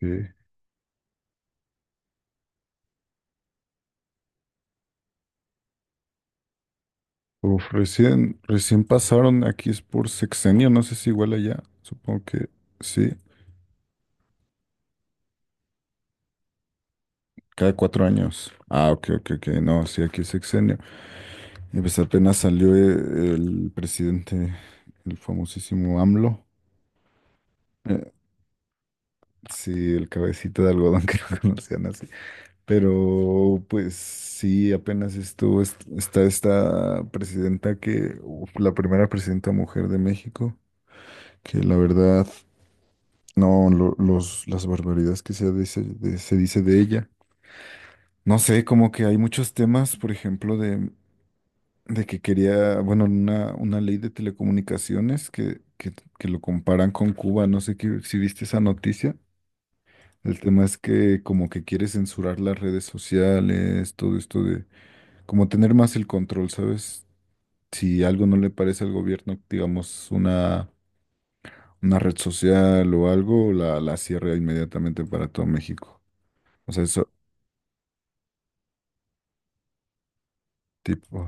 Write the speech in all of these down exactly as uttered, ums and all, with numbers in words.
Sí. Uf, recién, recién pasaron, aquí es por sexenio, no sé si igual allá, supongo que sí, cada cuatro años. Ah, ok, ok, ok, no, sí, aquí es sexenio. Y pues apenas salió eh, el presidente, el famosísimo AMLO. eh, sí, el cabecita de algodón que lo conocían así. Pero pues sí, apenas estuvo, est- está esta presidenta que, uf, la primera presidenta mujer de México, que la verdad. No, lo- los, las barbaridades que se dice, de, se dice de ella. No sé, como que hay muchos temas, por ejemplo, de, de que quería, bueno, una, una ley de telecomunicaciones que, que, que lo comparan con Cuba. No sé qué- si viste esa noticia. El tema es que como que quiere censurar las redes sociales, todo esto de como tener más el control, ¿sabes? Si algo no le parece al gobierno, digamos, una, una red social o algo, la, la cierra inmediatamente para todo México. O sea, eso, tipo,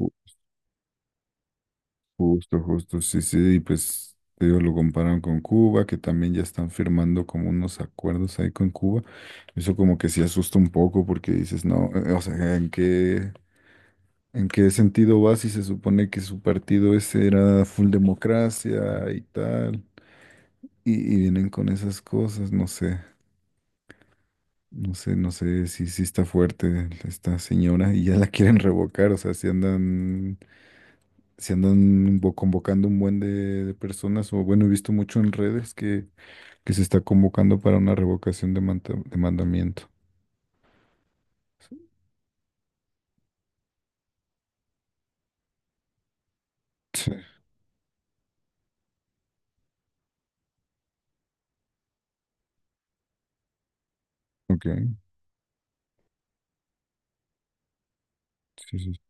ju- justo, justo, sí, sí, y pues te digo, lo comparan con Cuba, que también ya están firmando como unos acuerdos ahí con Cuba. Eso como que sí asusta un poco porque dices, no, eh, o sea, ¿en qué, en qué sentido va si se supone que su partido ese era full democracia y tal? Y, y vienen con esas cosas, no sé, no sé, no sé si sí, está fuerte esta señora y ya la quieren revocar, o sea, si andan se andan bo- convocando un buen de, de personas, o bueno, he visto mucho en redes que, que se está convocando para una revocación de, manta- de mandamiento. Sí, ok, sí, sí,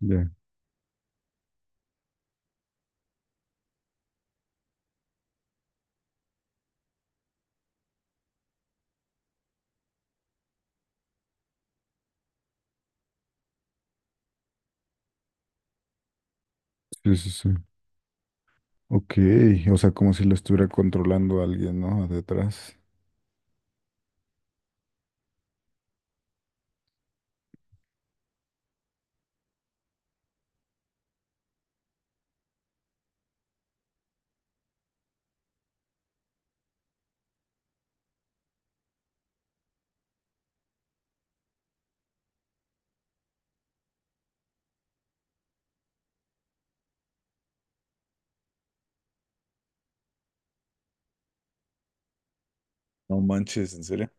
ya, sí, sí, sí. Ok, o sea, como si lo estuviera controlando alguien, ¿no? Detrás. No manches, ¿en serio?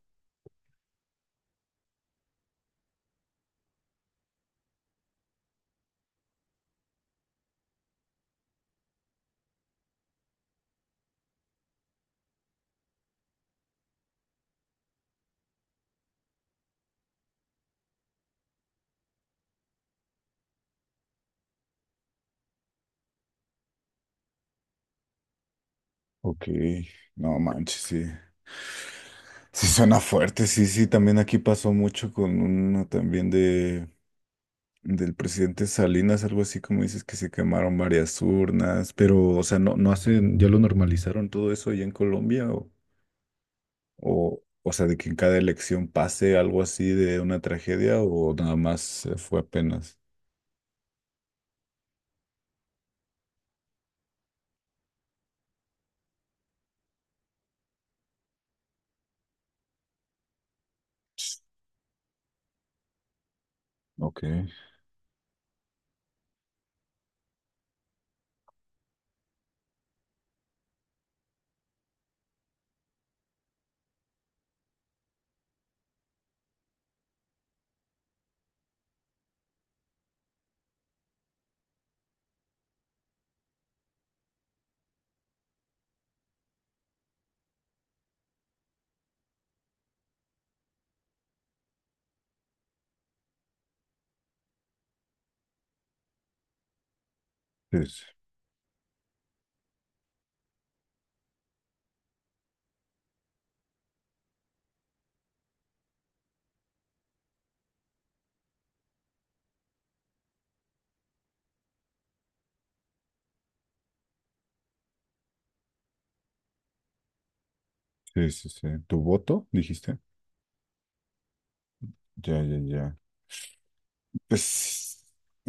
Ok, no manches, sí. Sí suena fuerte, sí, sí, también aquí pasó mucho con uno también de del presidente Salinas, algo así como dices que se quemaron varias urnas, pero, o sea, no, no hacen, ya lo normalizaron todo eso allá en Colombia, o, o, o sea, de que en cada elección pase algo así de una tragedia, o nada más eh, fue apenas. Ok, sí, sí, sí, sí, sí. ¿Tu voto, dijiste? Ya, ya, ya. Pues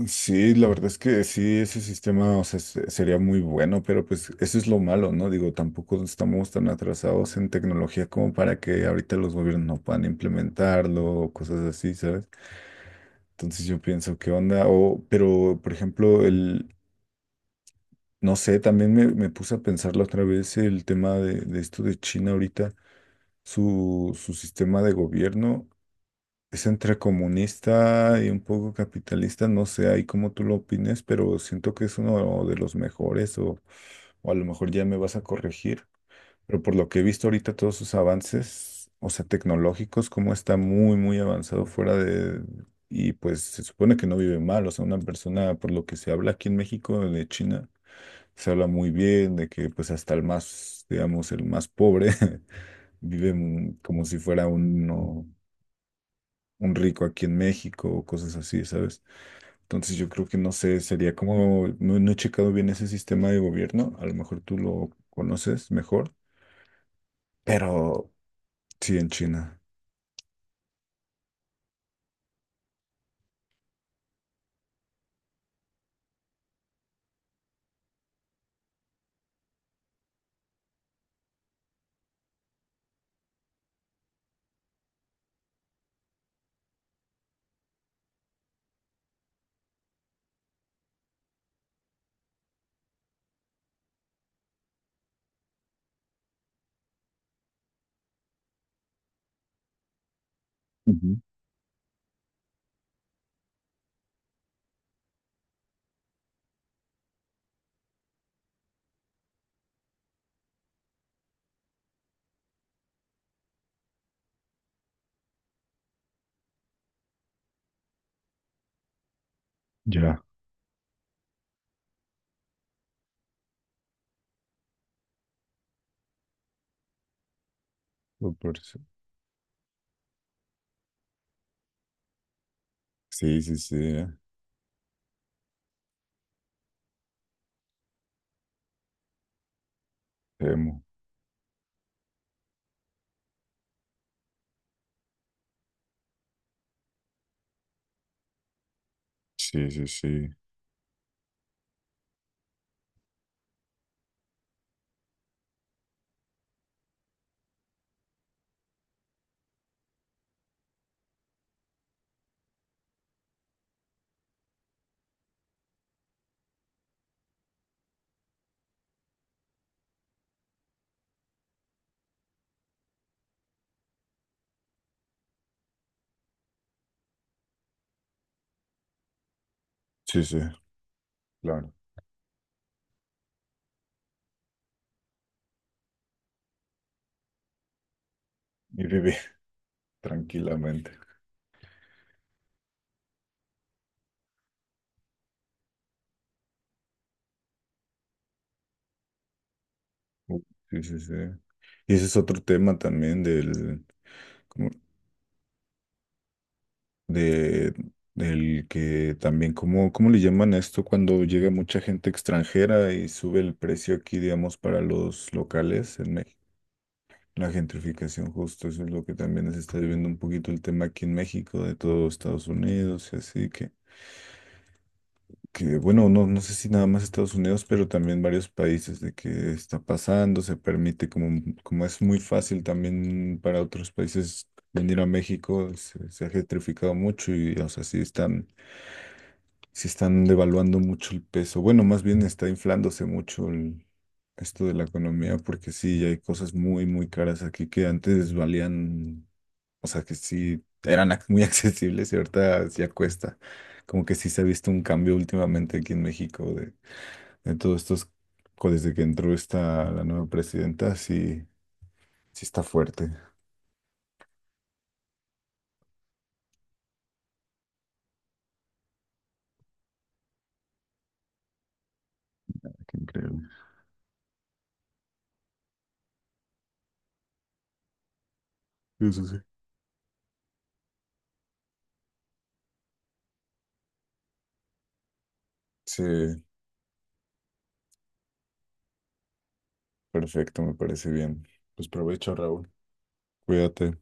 sí, la verdad es que sí, ese sistema, o sea, se- sería muy bueno, pero pues eso es lo malo, ¿no? Digo, tampoco estamos tan atrasados en tecnología como para que ahorita los gobiernos no puedan implementarlo o cosas así, ¿sabes? Entonces yo pienso, ¿qué onda? O, pero, por ejemplo, el, no sé, también me, me puse a pensarlo otra vez el tema de, de esto de China ahorita, su, su sistema de gobierno. Es entre comunista y un poco capitalista, no sé ahí cómo tú lo opines, pero siento que es uno de los mejores o, o a lo mejor ya me vas a corregir, pero por lo que he visto ahorita todos sus avances, o sea, tecnológicos, cómo está muy, muy avanzado fuera de... Y pues se supone que no vive mal, o sea, una persona, por lo que se habla aquí en México, de China, se habla muy bien de que pues hasta el más, digamos, el más pobre vive mu- como si fuera uno un rico aquí en México o cosas así, ¿sabes? Entonces yo creo que no sé, sería como, no, no he checado bien ese sistema de gobierno, a lo mejor tú lo conoces mejor, pero sí, en China. Ujú. Ya. Fue por eso. Sí, sí, sí, eh, temo. Sí, sí, sí. Sí, sí, claro. Y vive tranquilamente. Uh, Sí, sí, sí. Y ese es otro tema también del, de del que también, ¿cómo, cómo le llaman a esto cuando llega mucha gente extranjera y sube el precio aquí, digamos, para los locales en México? La gentrificación, justo, eso es lo que también se está viviendo un poquito el tema aquí en México, de todo Estados Unidos y así que, que bueno, no, no sé si nada más Estados Unidos, pero también varios países de que está pasando, se permite, como, como es muy fácil también para otros países venir a México, se, se ha gentrificado mucho y, o sea, sí están se están devaluando mucho el peso. Bueno, más bien está inflándose mucho el- esto de la economía, porque sí, hay cosas muy, muy caras aquí que antes valían, o sea, que sí eran ac- muy accesibles y ahorita ya cuesta. Como que sí se ha visto un cambio últimamente aquí en México de, de todos estos, co- desde que entró esta la nueva presidenta, sí, sí está fuerte. Qué increíble. Eso sí. Sí, perfecto, me parece bien. Pues provecho, Raúl. Cuídate.